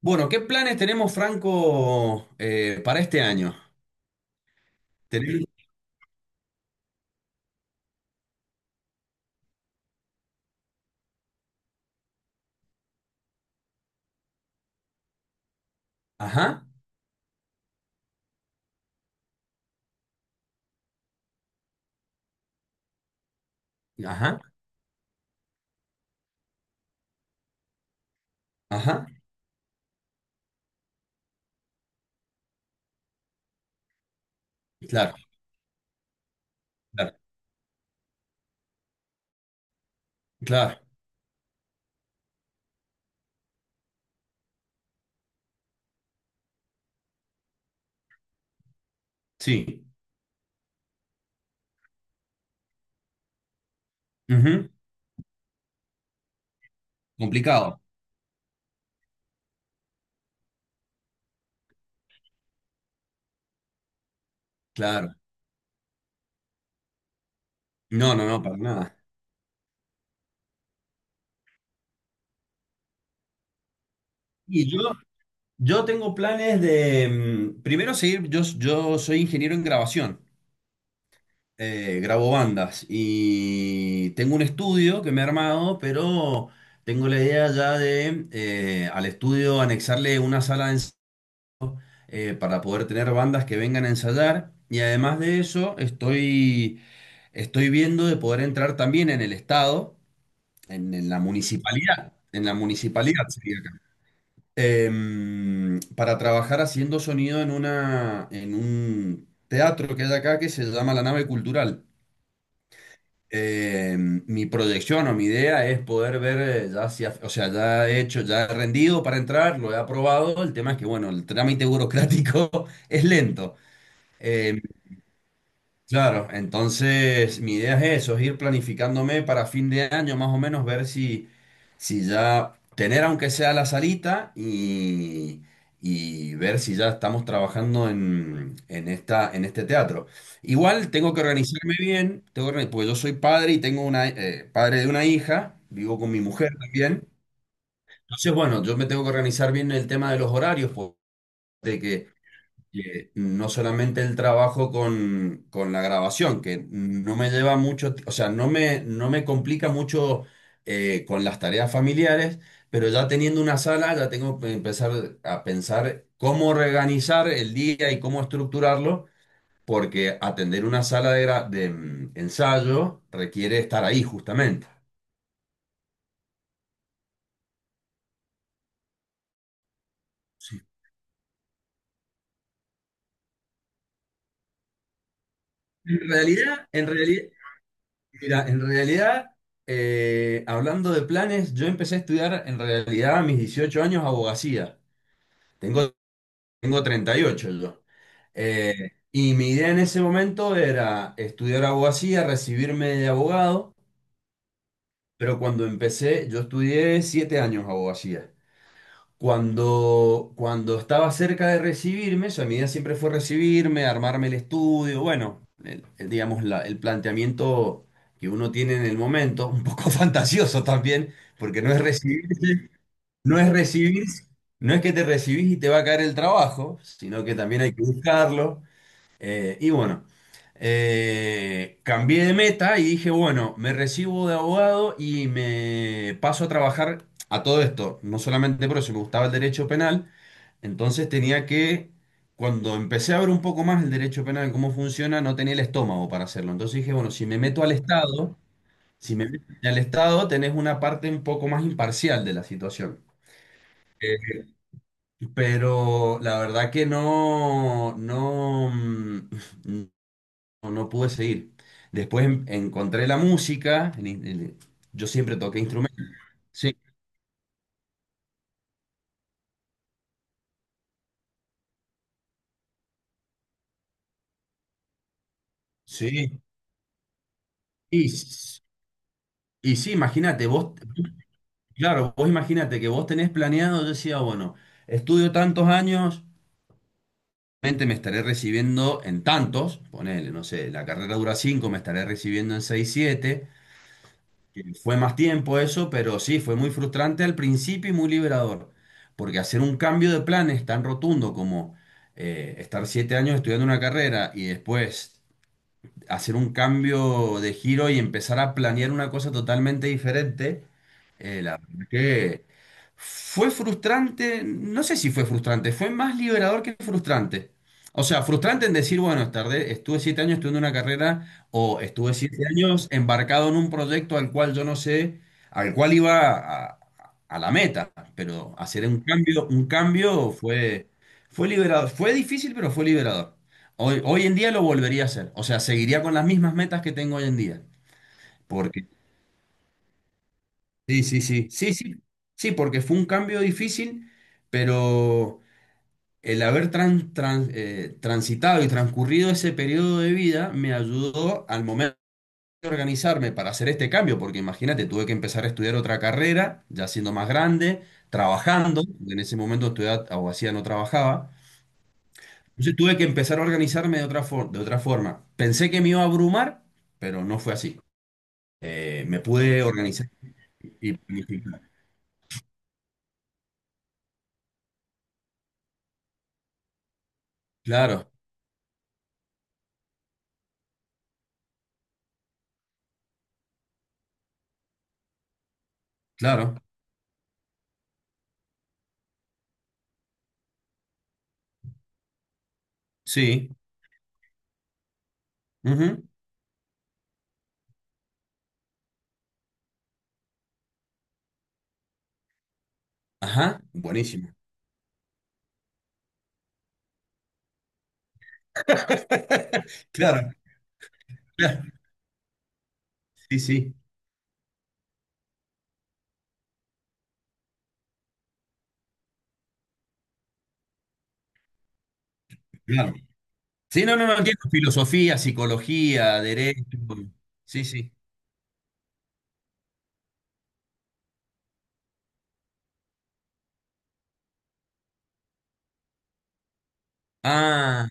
Bueno, ¿qué planes tenemos, Franco, para este año? Tenemos- Ajá, ajá, ajá. Claro, claro, claro. Sí. Ujú. Complicado. Claro. No, no, no, para nada. Y yo tengo planes de, primero seguir, yo soy ingeniero en grabación. Grabo bandas y tengo un estudio que me he armado, pero tengo la idea ya de al estudio anexarle una sala de para poder tener bandas que vengan a ensayar. Y además de eso, estoy viendo de poder entrar también en el Estado, en la municipalidad, en la municipalidad sería acá, para trabajar haciendo sonido en una, en un teatro que hay acá que se llama La Nave Cultural. Mi proyección o mi idea es poder ver, ya si af- o sea, ya he hecho, ya he rendido para entrar, lo he aprobado. El tema es que, bueno, el trámite burocrático es lento. Eh, Claro, entonces mi idea es eso, es ir planificándome para fin de año más o menos, ver si ya tener aunque sea la salita y ver si ya estamos trabajando en esta, en este teatro. Igual tengo que organizarme bien, tengo que porque yo soy padre y tengo una, padre de una hija, vivo con mi mujer también. Entonces, bueno, yo me tengo que organizar bien el tema de los horarios, pues, de que no solamente el trabajo con la grabación, que no me lleva mucho, o sea, no me complica mucho con las tareas familiares, pero ya teniendo una sala, ya tengo que empezar a pensar cómo organizar el día y cómo estructurarlo, porque atender una sala de, ensayo requiere estar ahí justamente. En realidad, en realidad, Mira, en realidad, hablando de planes, yo empecé a estudiar en realidad a mis 18 años abogacía. Tengo, tengo 38 yo. Y mi idea en ese momento era estudiar abogacía, recibirme de abogado, pero cuando empecé, yo estudié 7 años abogacía. Cuando estaba cerca de recibirme, o sea, mi idea siempre fue recibirme, armarme el estudio, bueno, digamos, el planteamiento que uno tiene en el momento, un poco fantasioso también, porque no es recibir, no es que te recibís y te va a caer el trabajo, sino que también hay que buscarlo. Y bueno, cambié de meta y dije, bueno, me recibo de abogado y me paso a trabajar a todo esto, no solamente por eso, me gustaba el derecho penal, entonces tenía que, cuando empecé a ver un poco más el derecho penal, cómo funciona, no tenía el estómago para hacerlo. Entonces dije, bueno, si me meto al Estado, si me meto al Estado, tenés una parte un poco más imparcial de la situación. Eh, pero la verdad que no, no, no, no pude seguir. Después encontré la música, yo siempre toqué instrumentos. Sí, sí. Y, s- y sí, imagínate, vos. Claro, vos imagínate que vos tenés planeado, yo decía, bueno, estudio tantos años, mente me estaré recibiendo en tantos, ponele, no sé, la carrera dura cinco, me estaré recibiendo en seis, siete, que fue más tiempo eso, pero sí, fue muy frustrante al principio y muy liberador, porque hacer un cambio de planes tan rotundo como estar 7 años estudiando una carrera y después hacer un cambio de giro y empezar a planear una cosa totalmente diferente. La verdad que fue frustrante, no sé si fue frustrante, fue más liberador que frustrante. O sea, frustrante en decir, bueno, tardé, estuve 7 años estudiando una carrera o estuve 7 años embarcado en un proyecto al cual yo no sé, al cual iba a, a la meta, pero hacer un cambio fue, fue liberador, fue difícil, pero fue liberador. Hoy, hoy en día lo volvería a hacer. O sea, seguiría con las mismas metas que tengo hoy en día. Porque, sí, sí, sí, sí, sí, sí, porque fue un cambio difícil, pero el haber transitado y transcurrido ese periodo de vida me ayudó al momento de organizarme para hacer este cambio, porque imagínate, tuve que empezar a estudiar otra carrera, ya siendo más grande, trabajando, porque en ese momento estudiaba abogacía, no trabajaba. Entonces tuve que empezar a organizarme de otra de otra forma. Pensé que me iba a abrumar, pero no fue así. Me pude organizar y planificar. Claro, claro, sí. Ujú, ajá, buenísimo. Claro, claro, sí, sí, claro. Sí, no, no, no entiendo. Filosofía, psicología, derecho. Sí, sí. Ah,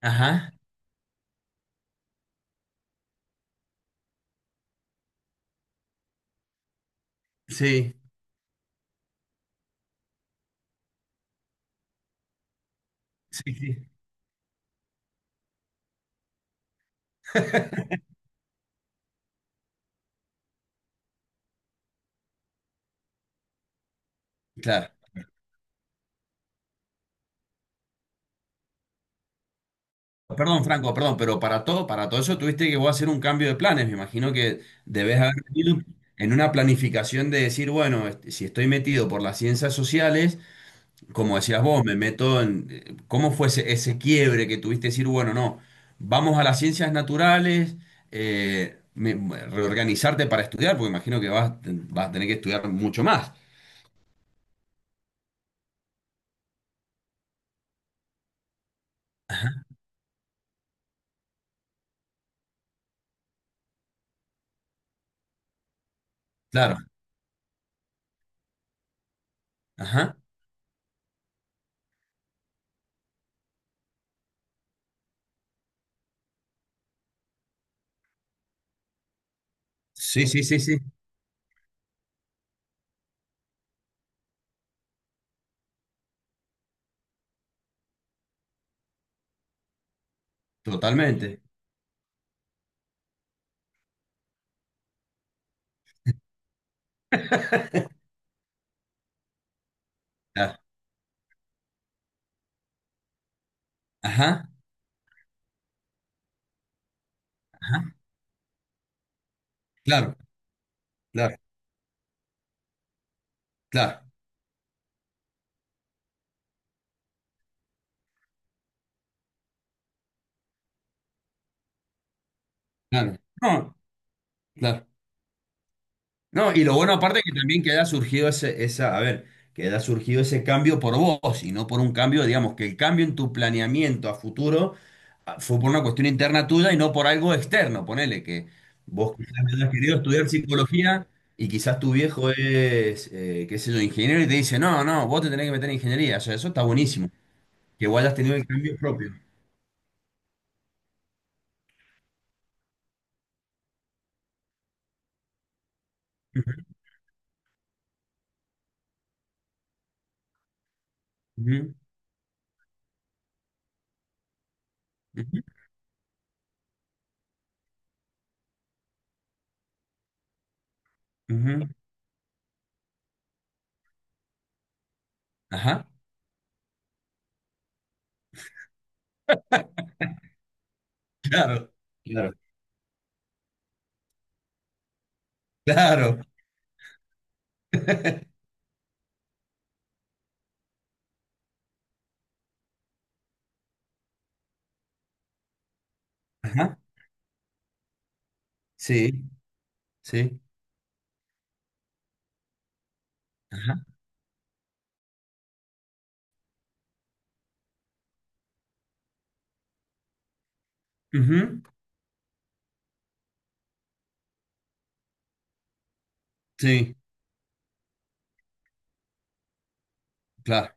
ajá, sí, sí, sí, claro. Perdón, Franco, perdón, pero para todo eso tuviste que vos hacer un cambio de planes. Me imagino que debes haber venido en una planificación de decir, bueno, este, si estoy metido por las ciencias sociales, como decías vos, me meto en cómo fue ese, ese quiebre que tuviste decir, bueno, no, vamos a las ciencias naturales, reorganizarte para estudiar, porque imagino que vas a tener que estudiar mucho más. Claro. Ajá. Sí, sí, sí, sí. Totalmente. Claro. Ajá. Ajá. Claro, claro, claro, claro. No, claro. No, y lo bueno aparte es que también que haya surgido ese, esa, a ver, que haya surgido ese cambio por vos y no por un cambio, digamos, que el cambio en tu planeamiento a futuro fue por una cuestión interna tuya y no por algo externo. Ponele que vos quizás hayas querido estudiar psicología y quizás tu viejo es, qué sé yo, ingeniero y te dice, no, no, vos te tenés que meter en ingeniería. O sea, eso está buenísimo. Que vos hayas tenido el cambio propio. Ujú, ujú, ujú. Ajá, claro, claro, claro. Ajá, sí, sí, ajá, ujú, sí, claro,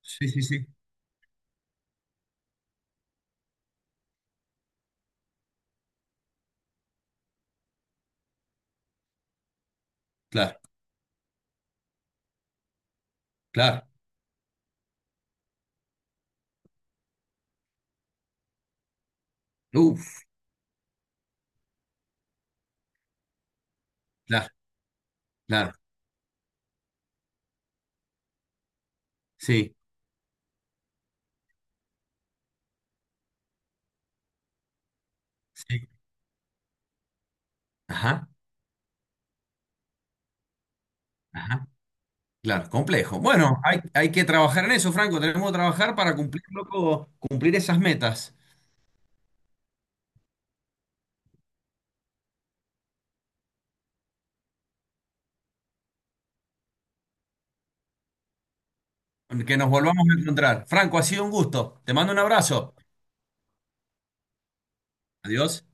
sí, sí, sí, claro, claro, uf, claro, claro, sí, sí, ajá, ajá. Claro, complejo. Bueno, hay que trabajar en eso, Franco. Tenemos que trabajar para cumplir, loco, cumplir esas metas. Que nos volvamos a encontrar. Franco, ha sido un gusto. Te mando un abrazo. Adiós.